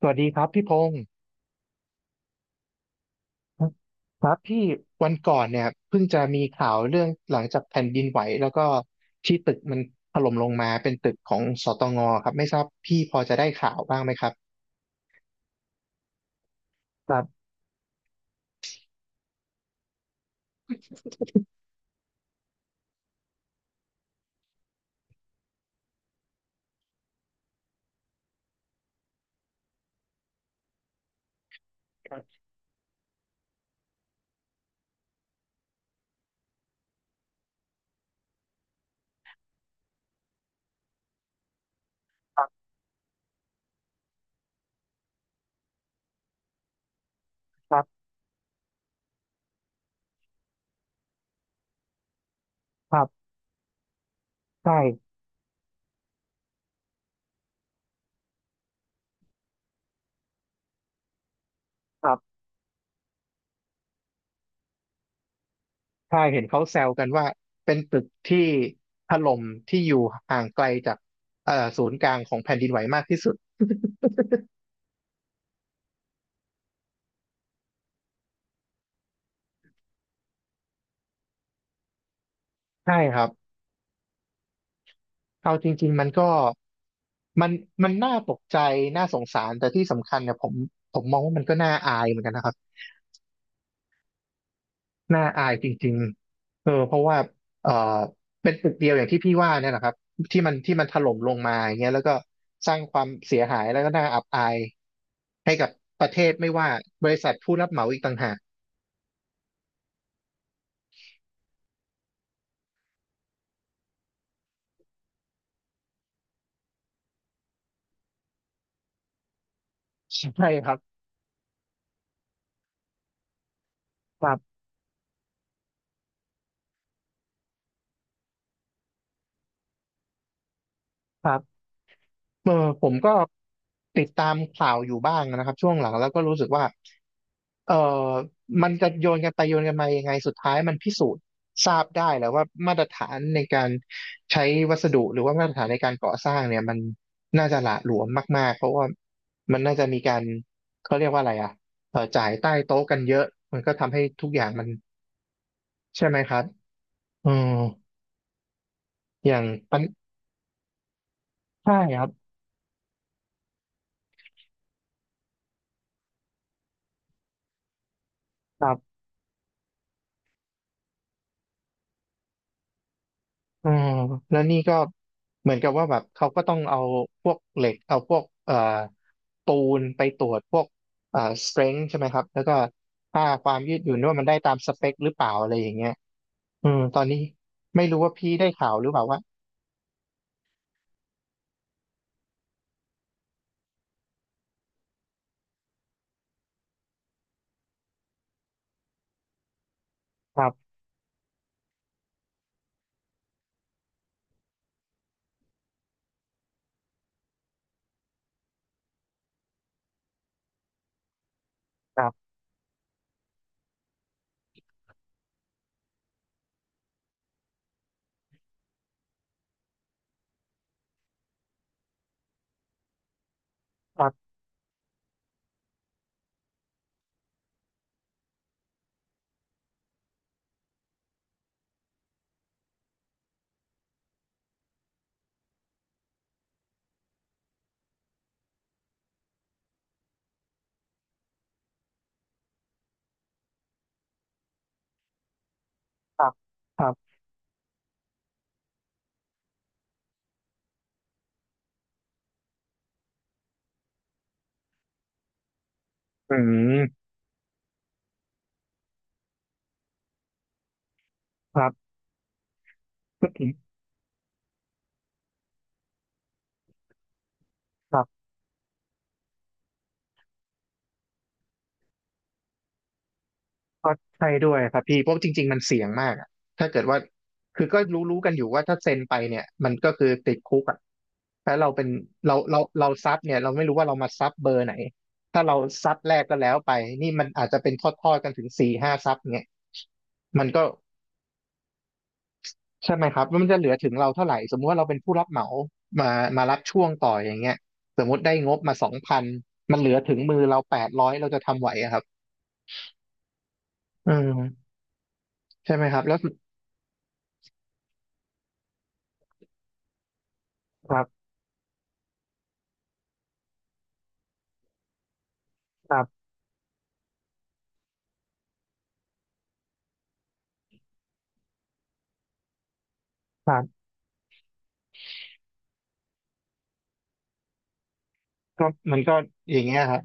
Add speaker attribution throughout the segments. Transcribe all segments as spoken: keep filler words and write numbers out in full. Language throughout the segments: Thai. Speaker 1: สวัสดีครับพี่พงศ์ครับพี่วันก่อนเนี่ยเพิ่งจะมีข่าวเรื่องหลังจากแผ่นดินไหวแล้วก็ที่ตึกมันถล่มลงมาเป็นตึกของสตงครับไม่ทราบพี่พอจะได้ข่าวบ้างไหมครับครับครับครับครับใช่ครับใช่เห็นเขาแซวกันว่าเป็นตึกที่ถล่มที่อยู่ห่างไกลจากเอ่อศูนย์กลางของแผ่นดินไหวมากที่สุดใช่ครับ เอาจริงๆมันก็มันมันน่าตกใจน่าสงสารแต่ที่สำคัญเนี่ยผมผมมองว่ามันก็น่าอายเหมือนกันนะครับน่าอายจริงๆเออเพราะว่าเออเป็นตึกเดียวอย่างที่พี่ว่าเนี่ยนะครับที่มันที่มันถล่มลงมาอย่างเงี้ยแล้วก็สร้างความเสียหายแล้วก็น่าอับอายให้กับประเทศไม่ว่าบริษัทผู้รับเหมาอีกต่างหากใช่ครับครับครับเออผมก็ติดตามข่าวอยู่บ้างนะครับช่วงหลังแล้วก็รู้สึกว่า เอ่อมันจะโยนกันไปโยนกันมายังไงสุดท้ายมันพิสูจน์ทราบได้แล้วว่ามาตรฐานในการใช้วัสดุหรือว่ามาตรฐานในการก่อสร้างเนี่ยมันน่าจะหละหลวมมากๆเพราะว่ามันน่าจะมีการเขาเรียกว่าอะไรอ่ะเอ่อจ่ายใต้โต๊ะกันเยอะมันก็ทำให้ทุกอย่างมันใช่ไหมครับอืมอย่างปัญใช่ครับ อ่าแล้วนี่ก็เหมือนกับว่าแบบเขาก็ต้องเอาพวกเหล็กเอาพวกเอ่อปูนไปตรวจพวกเอ่อ strength ใช่ไหมครับแล้วก็ค่าความยืดหยุ่นว่ามันได้ตามสเปคหรือเปล่าอะไรอย่างเงี้ยอืมตอนนี้ไม่รู้ว่าพี่ได้ข่าวหรือเปล่าว่าครับครับครับครับครับอืมครับ ก็ใช่ด้วยครับพี่เพราะจริงๆมันเสี่ยงมากอะถ้าเกิดว่าคือก็รู้รู้กันอยู่ว่าถ้าเซ็นไปเนี่ยมันก็คือติดคุกอ่ะถ้าเราเป็นเราเราเราซับเนี่ยเราไม่รู้ว่าเรามาซับเบอร์ไหนถ้าเราซับแรกก็แล้วไปนี่มันอาจจะเป็นทอดๆกันถึงสี่ห้าซับเนี่ยมันก็ใช่ไหมครับแล้วมันจะเหลือถึงเราเท่าไหร่สมมุติว่าเราเป็นผู้รับเหมามามารับช่วงต่ออย่างเงี้ยสมมติได้งบมาสองพันมันเหลือถึงมือเราแปดร้อยเราจะทำไหวอะครับอืมใช่ไหมครับแล้วสุดครับครับ ก็มันก็อย่างเงี้ยครับ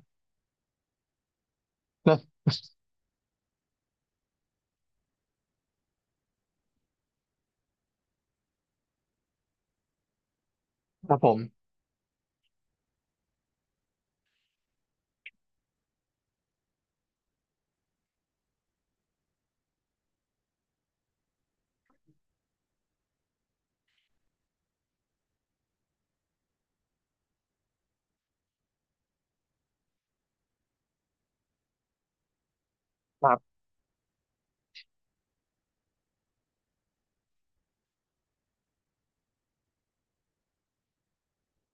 Speaker 1: แล้วครับผมครับ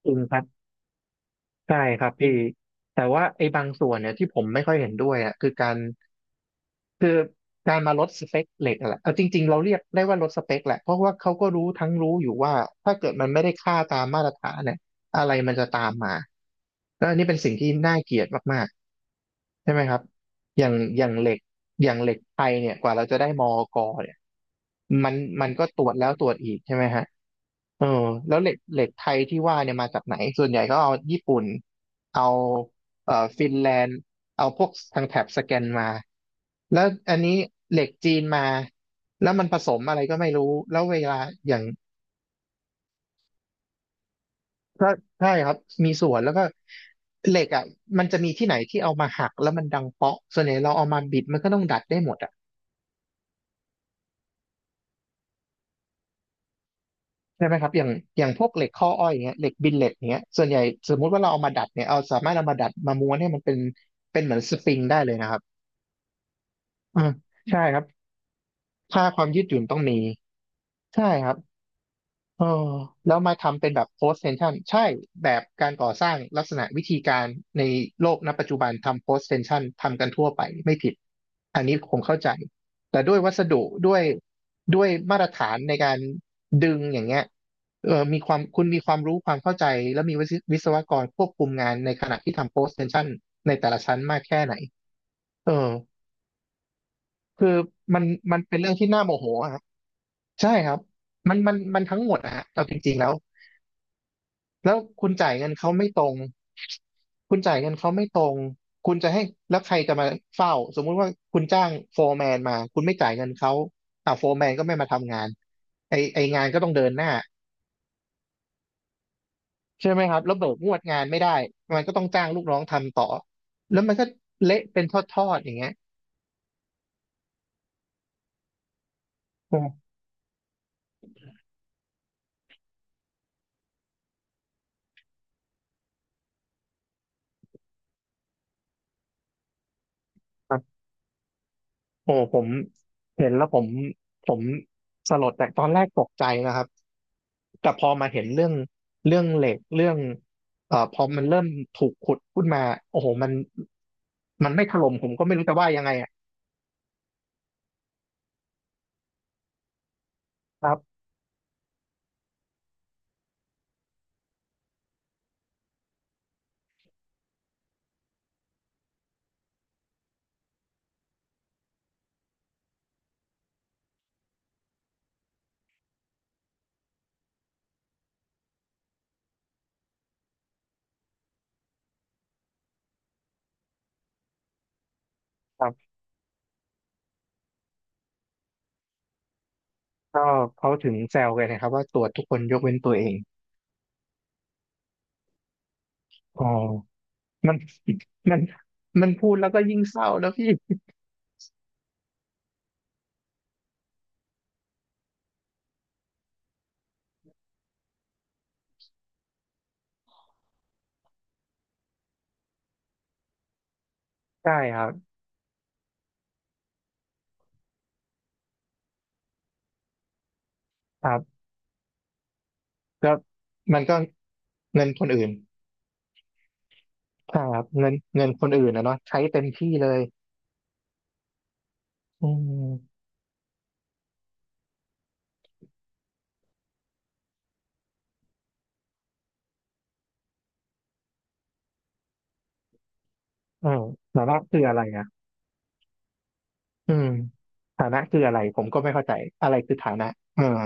Speaker 1: จริงครับใช่ครับพี่แต่ว่าไอ้บางส่วนเนี่ยที่ผมไม่ค่อยเห็นด้วยอ่ะคือการคือการมาลดสเปคเหล็กอะแหละเอาจริงๆเราเรียกได้ว่าลดสเปคแหละเพราะว่าเขาก็รู้ทั้งรู้อยู่ว่าถ้าเกิดมันไม่ได้ค่าตามมาตรฐานเนี่ยอะไรมันจะตามมาก็อันนี้เป็นสิ่งที่น่าเกลียดมากๆใช่ไหมครับอย่างอย่างเหล็กอย่างเหล็กไทยเนี่ยกว่าเราจะได้มอกเนี่ยมันมันก็ตรวจแล้วตรวจอีกใช่ไหมฮะ เออแล้วเหล็กเหล็กไทยที่ว่าเนี่ยมาจากไหนส่วนใหญ่ก็เอาญี่ปุ่นเอาเอ่อฟินแลนด์เอาพวกทางแถบสแกนมาแล้วอันนี้เหล็กจีนมาแล้วมันผสมอะไรก็ไม่รู้แล้วเวลาอย่างก็ใช่ครับมีส่วนแล้วก็เหล็กอ่ะมันจะมีที่ไหนที่เอามาหักแล้วมันดังเปาะส่วนใหญ่เราเอามาบิดมันก็ต้องดัดได้หมดอ่ะ ใช่ไหมครับอย่างอย่างพวกเหล็กข้ออ้อยอย่างเงี้ยเหล็กบิลเลตอย่างเงี้ยส่วนใหญ่สมมุติว่าเราเอามาดัดเนี่ยเอาสามารถเอามาดัดมาม้วนให้มันเป็นเป็นเหมือนสปริงได้เลยนะครับอืมใช่ครับค่าความยืดหยุ่นต้องมีใช่ครับ เออแล้วมาทำเป็นแบบ post tension ใช่แบบการก่อสร้างลักษณะวิธีการในโลกณปัจจุบันทำ post tension ทำกันทั่วไปไม่ผิดอันนี้ผมเข้าใจแต่ด้วยวัสดุด้วยด้วยมาตรฐานในการดึงอย่างเงี้ยเออมีความคุณมีความรู้ความเข้าใจแล้วมีวิศวิศวกรควบคุมงานในขณะที่ทำ post tension ในแต่ละชั้นมากแค่ไหนเออคือมันมันเป็นเรื่องที่น่าโมโหอะฮะใช่ครับมันมันมันทั้งหมดอะฮะเอาจริงๆแล้ว แล้วคุณจ่ายเงินเขาไม่ตรงคุณจ่ายเงินเขาไม่ตรงคุณจะให้แล้วใครจะมาเฝ้าสมมุติว่าคุณจ้างโฟร์แมนมา คุณไม่จ่ายเงินเขาอ่าโฟร์แมนก็ไม่มาทำงานไอไองานก็ต้องเดินหน้าใช่ไหมครับแล้วเบิกงวดงานไม่ได้มันก็ต้องจ้างลูกน้องทำต่อแล้วมันก็เละเป็นทอดๆอย่างเงี้ยโอ้ครับโอ้ผมเห็นแล้วผมผมสลดแต่ตอนแรกตกใจนะครับ แต่พอมาเห็นเรื่องเรื่องเหล็กเรื่องเอ่อพอมันเริ่มถูกขุดขึ้นมาโอ้โหมันมันไม่ถล่มผมก็ไม่รู้จะว่ายังไงอ่ะครับครับก็เขาถึงแซวกันนะครับว่าตรวจทุกคนยกเว้นตัวเองอ๋อมันมันมันพูดแล้วก็ยิ่งเศร้านะพี่ใช่ครับครับก็มันก็เงินคนอื่นครับเงินเงินคนอื่นนะเนาะใช้เต็มที่เลยอืมเออแต่ว่าคืออะไรอ่ะ อืมฐานะคืออะไรผมก็ไม่เข้าใจอะไรคือฐานะอืม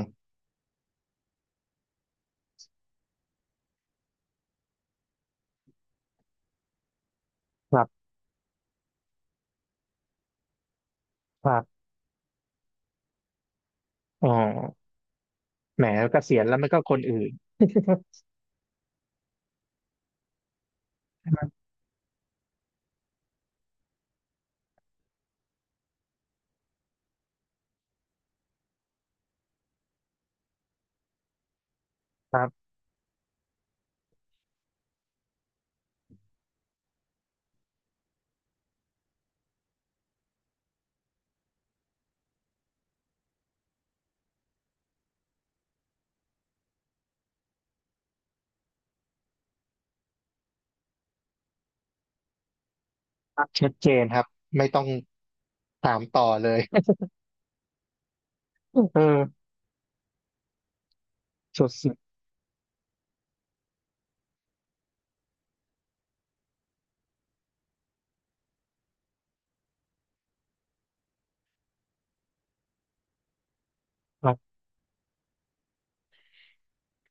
Speaker 1: ครับครับอ๋อแหมเกษียณแล้วมันก็คนอื่น ครับชัดเจนครับไม่ต้องถามต่อเลย เออสุดสุดครับ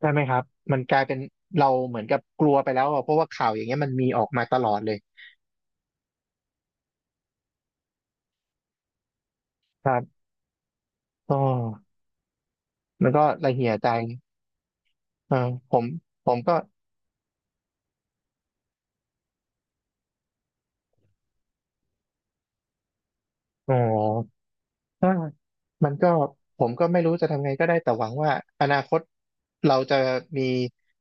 Speaker 1: ใช่ไหมครับมันกลายเป็นเราเหมือนกับกลัวไปแล้วอะเพราะว่าข่าวอย่างเงี้ยมันมีออกมาตลอดเลยครับก็มันก็ระเหี่ยใจเออผมผมก็อ๋อ ถ้ามันก็ผมก็ไม่รู้จะทำไงก็ได้แต่หวังว่าอนาคตเราจะมี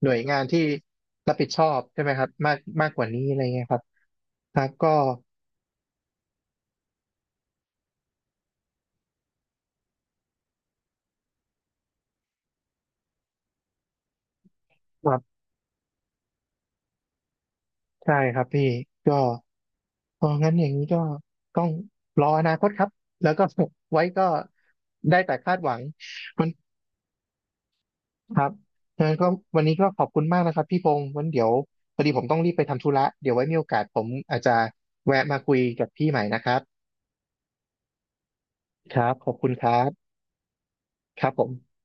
Speaker 1: หน่วยงานที่รับผิดชอบใช่ไหมครับมากมากกว่านี้อะไรเงี้ยครับครับก็ครับใช่ครับพี่ก็เอองั้นอย่างนี้ก็ต้องรออนาคตครับแล้วก็ ไว้ก็ได้แต่คาดหวังมันครับงั้นก็วันนี้ก็ขอบคุณมากนะครับพี่พงศ์วันเดี๋ยวพอดีผมต้องรีบไปทำธุระเดี๋ยวไว้มีโอกาสผมอาจจะแวะมาคุยกับพี่ใหม่นะครับ ครับ ขอบคุณครับครับผม